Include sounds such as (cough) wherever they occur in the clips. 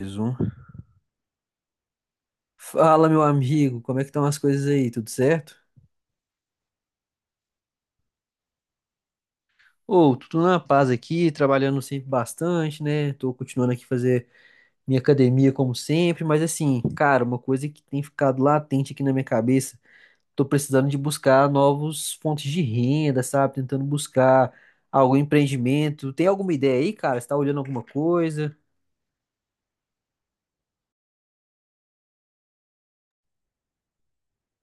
Mais um. Fala, meu amigo, como é que estão as coisas aí? Tudo certo? Ô, tudo na paz aqui, trabalhando sempre bastante, né? Tô continuando aqui fazer minha academia como sempre, mas assim, cara, uma coisa que tem ficado latente aqui na minha cabeça, tô precisando de buscar novos fontes de renda, sabe? Tentando buscar algum empreendimento. Tem alguma ideia aí, cara? Você tá olhando alguma coisa?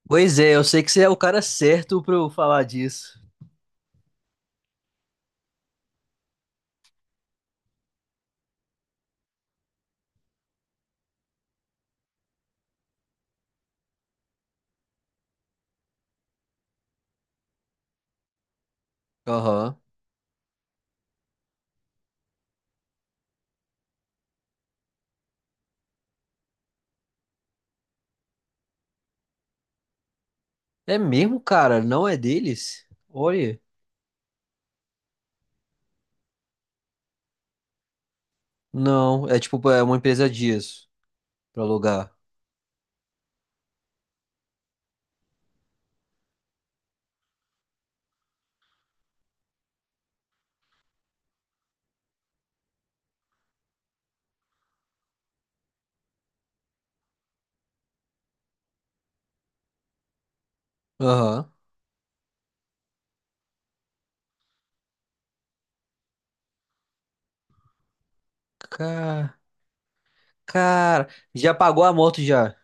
Pois é, eu sei que você é o cara certo pra eu falar disso. Aham. É mesmo, cara? Não é deles? Olha. Não, é tipo, é uma empresa dias pra alugar. Aham. Ca- Cara, já pagou a moto já?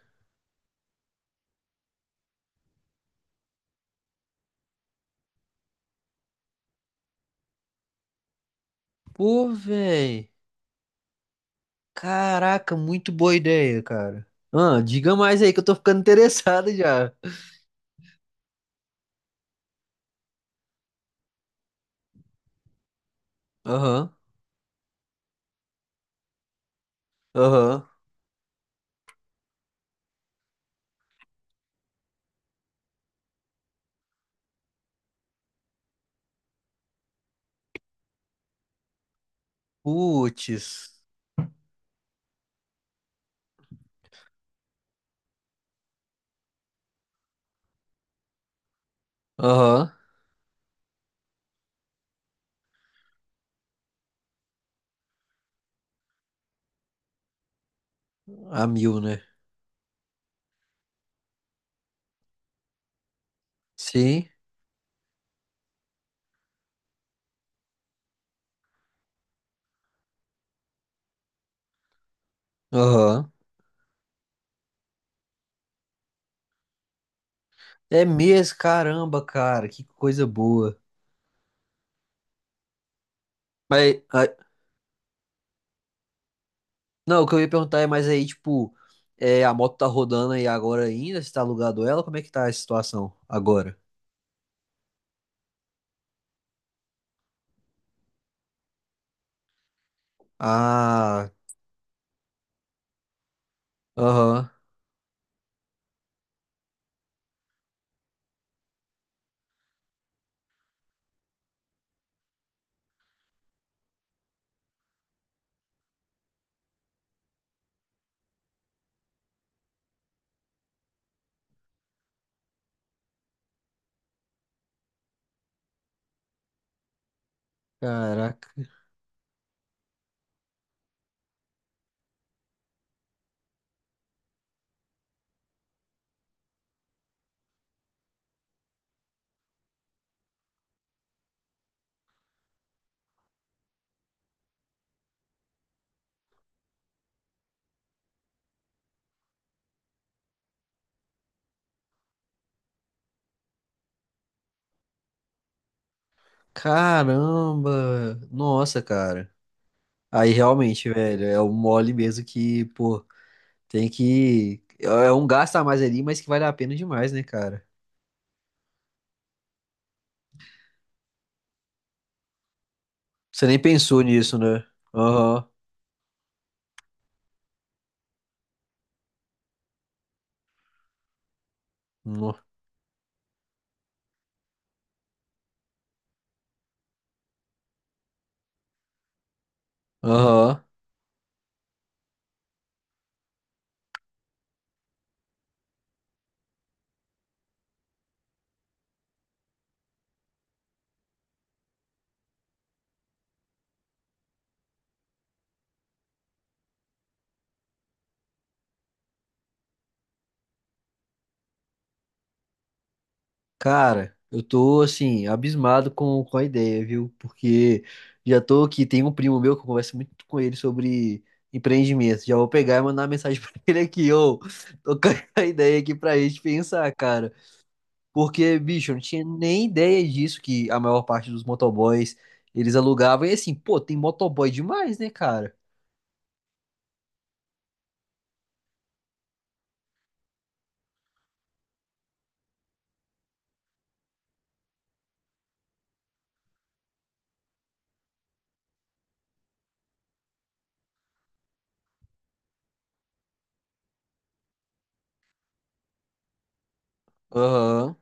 Pô, véi. Caraca, muito boa ideia, cara. Ah, diga mais aí que eu tô ficando (laughs) interessado já. Aham, aham. Putz. Aham. A mil, né? Sim. Aham. É mesmo, caramba, cara. Que coisa boa. Mas, Não, o que eu ia perguntar é, mas aí, tipo, é, a moto tá rodando aí agora ainda? Você tá alugado ela? Como é que tá a situação agora? Ah, aham. Caraca. Caramba. Nossa, cara. Aí realmente, velho, é um mole mesmo que, pô, tem que. É um gasto a mais ali, mas que vale a pena demais, né, cara? Você nem pensou nisso, né? Aham. No- Aham. Cara, eu tô assim, abismado com a ideia, viu? Porque já tô aqui, tem um primo meu que eu converso muito com ele sobre empreendimento. Já vou pegar e mandar uma mensagem (laughs) pra ele aqui, ô. Tô com a ideia aqui pra gente pensar, cara. Porque, bicho, eu não tinha nem ideia disso, que a maior parte dos motoboys eles alugavam. E assim, pô, tem motoboy demais, né, cara? Aham.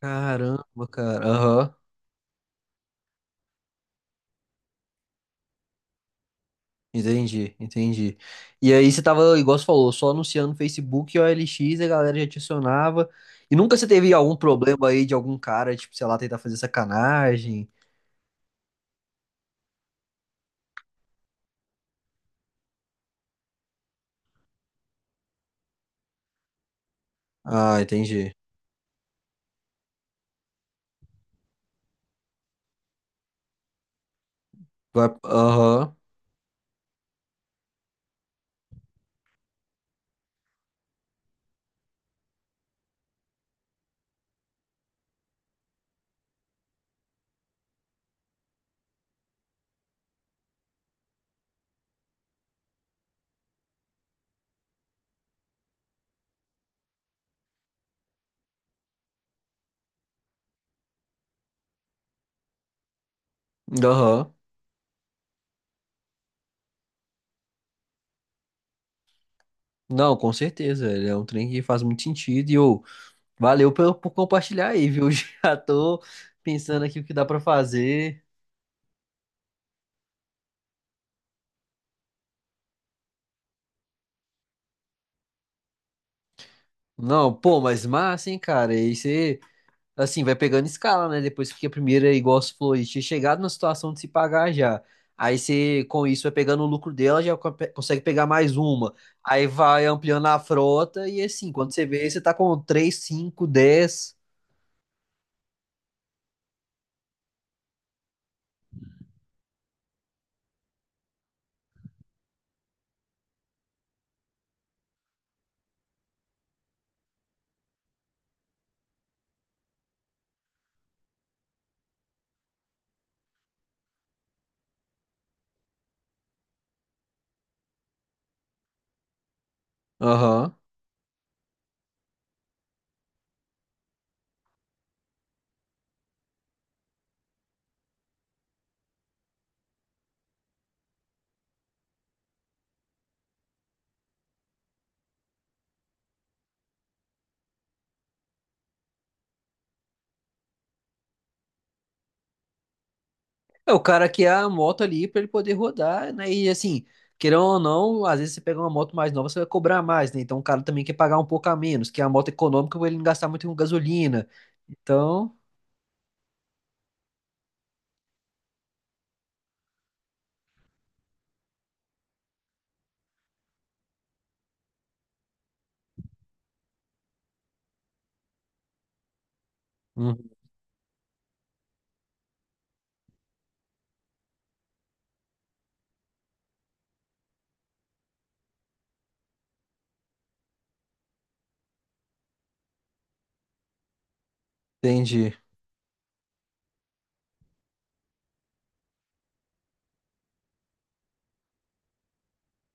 Caramba, cara. Aham. Entendi, entendi. E aí você tava, igual você falou, só anunciando no Facebook e o OLX, a galera já te acionava. E nunca você teve algum problema aí de algum cara, tipo, sei lá, tentar fazer sacanagem? Ah, entendi. Vai- Aham, aham. Não, com certeza, ele é um trem que faz muito sentido. E eu, valeu por compartilhar aí, viu? (laughs) Já tô pensando aqui o que dá pra fazer. Não, pô, mas massa, hein, cara? E aí você. Assim, vai pegando escala, né? Depois que a primeira, é igual você falou, aí, tinha chegado na situação de se pagar já. Aí você, com isso, vai pegando o lucro dela, já consegue pegar mais uma. Aí vai ampliando a frota e assim, quando você vê, você tá com 3 5 10 Aham. É o cara que é a moto ali pra ele poder rodar, né? E assim, querendo ou não, às vezes você pega uma moto mais nova, você vai cobrar mais, né? Então o cara também quer pagar um pouco a menos, que é a moto econômica pra ele não gastar muito com gasolina. Então, hum, entendi.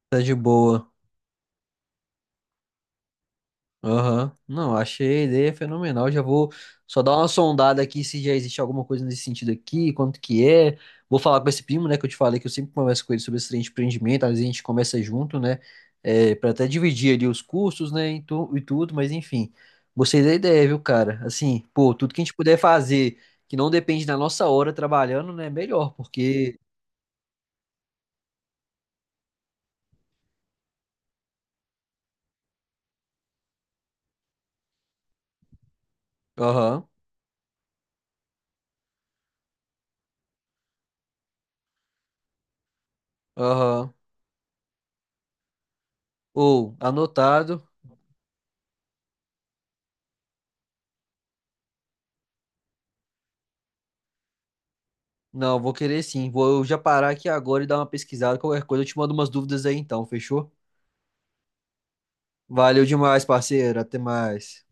Tá de boa. Aham. Não, achei a ideia fenomenal. Já vou só dar uma sondada aqui se já existe alguma coisa nesse sentido aqui, quanto que é. Vou falar com esse primo, né, que eu te falei que eu sempre converso com ele sobre esse trem de empreendimento, às vezes a gente começa junto, né, é, para até dividir ali os custos, né, e, e tudo, mas enfim. Gostei da ideia, viu, cara? Assim, pô, tudo que a gente puder fazer que não depende da nossa hora trabalhando, né, é melhor, porque... Aham, aham. Ou, anotado. Não, eu vou querer sim. Vou já parar aqui agora e dar uma pesquisada. Qualquer coisa eu te mando umas dúvidas aí então, fechou? Valeu demais, parceiro. Até mais.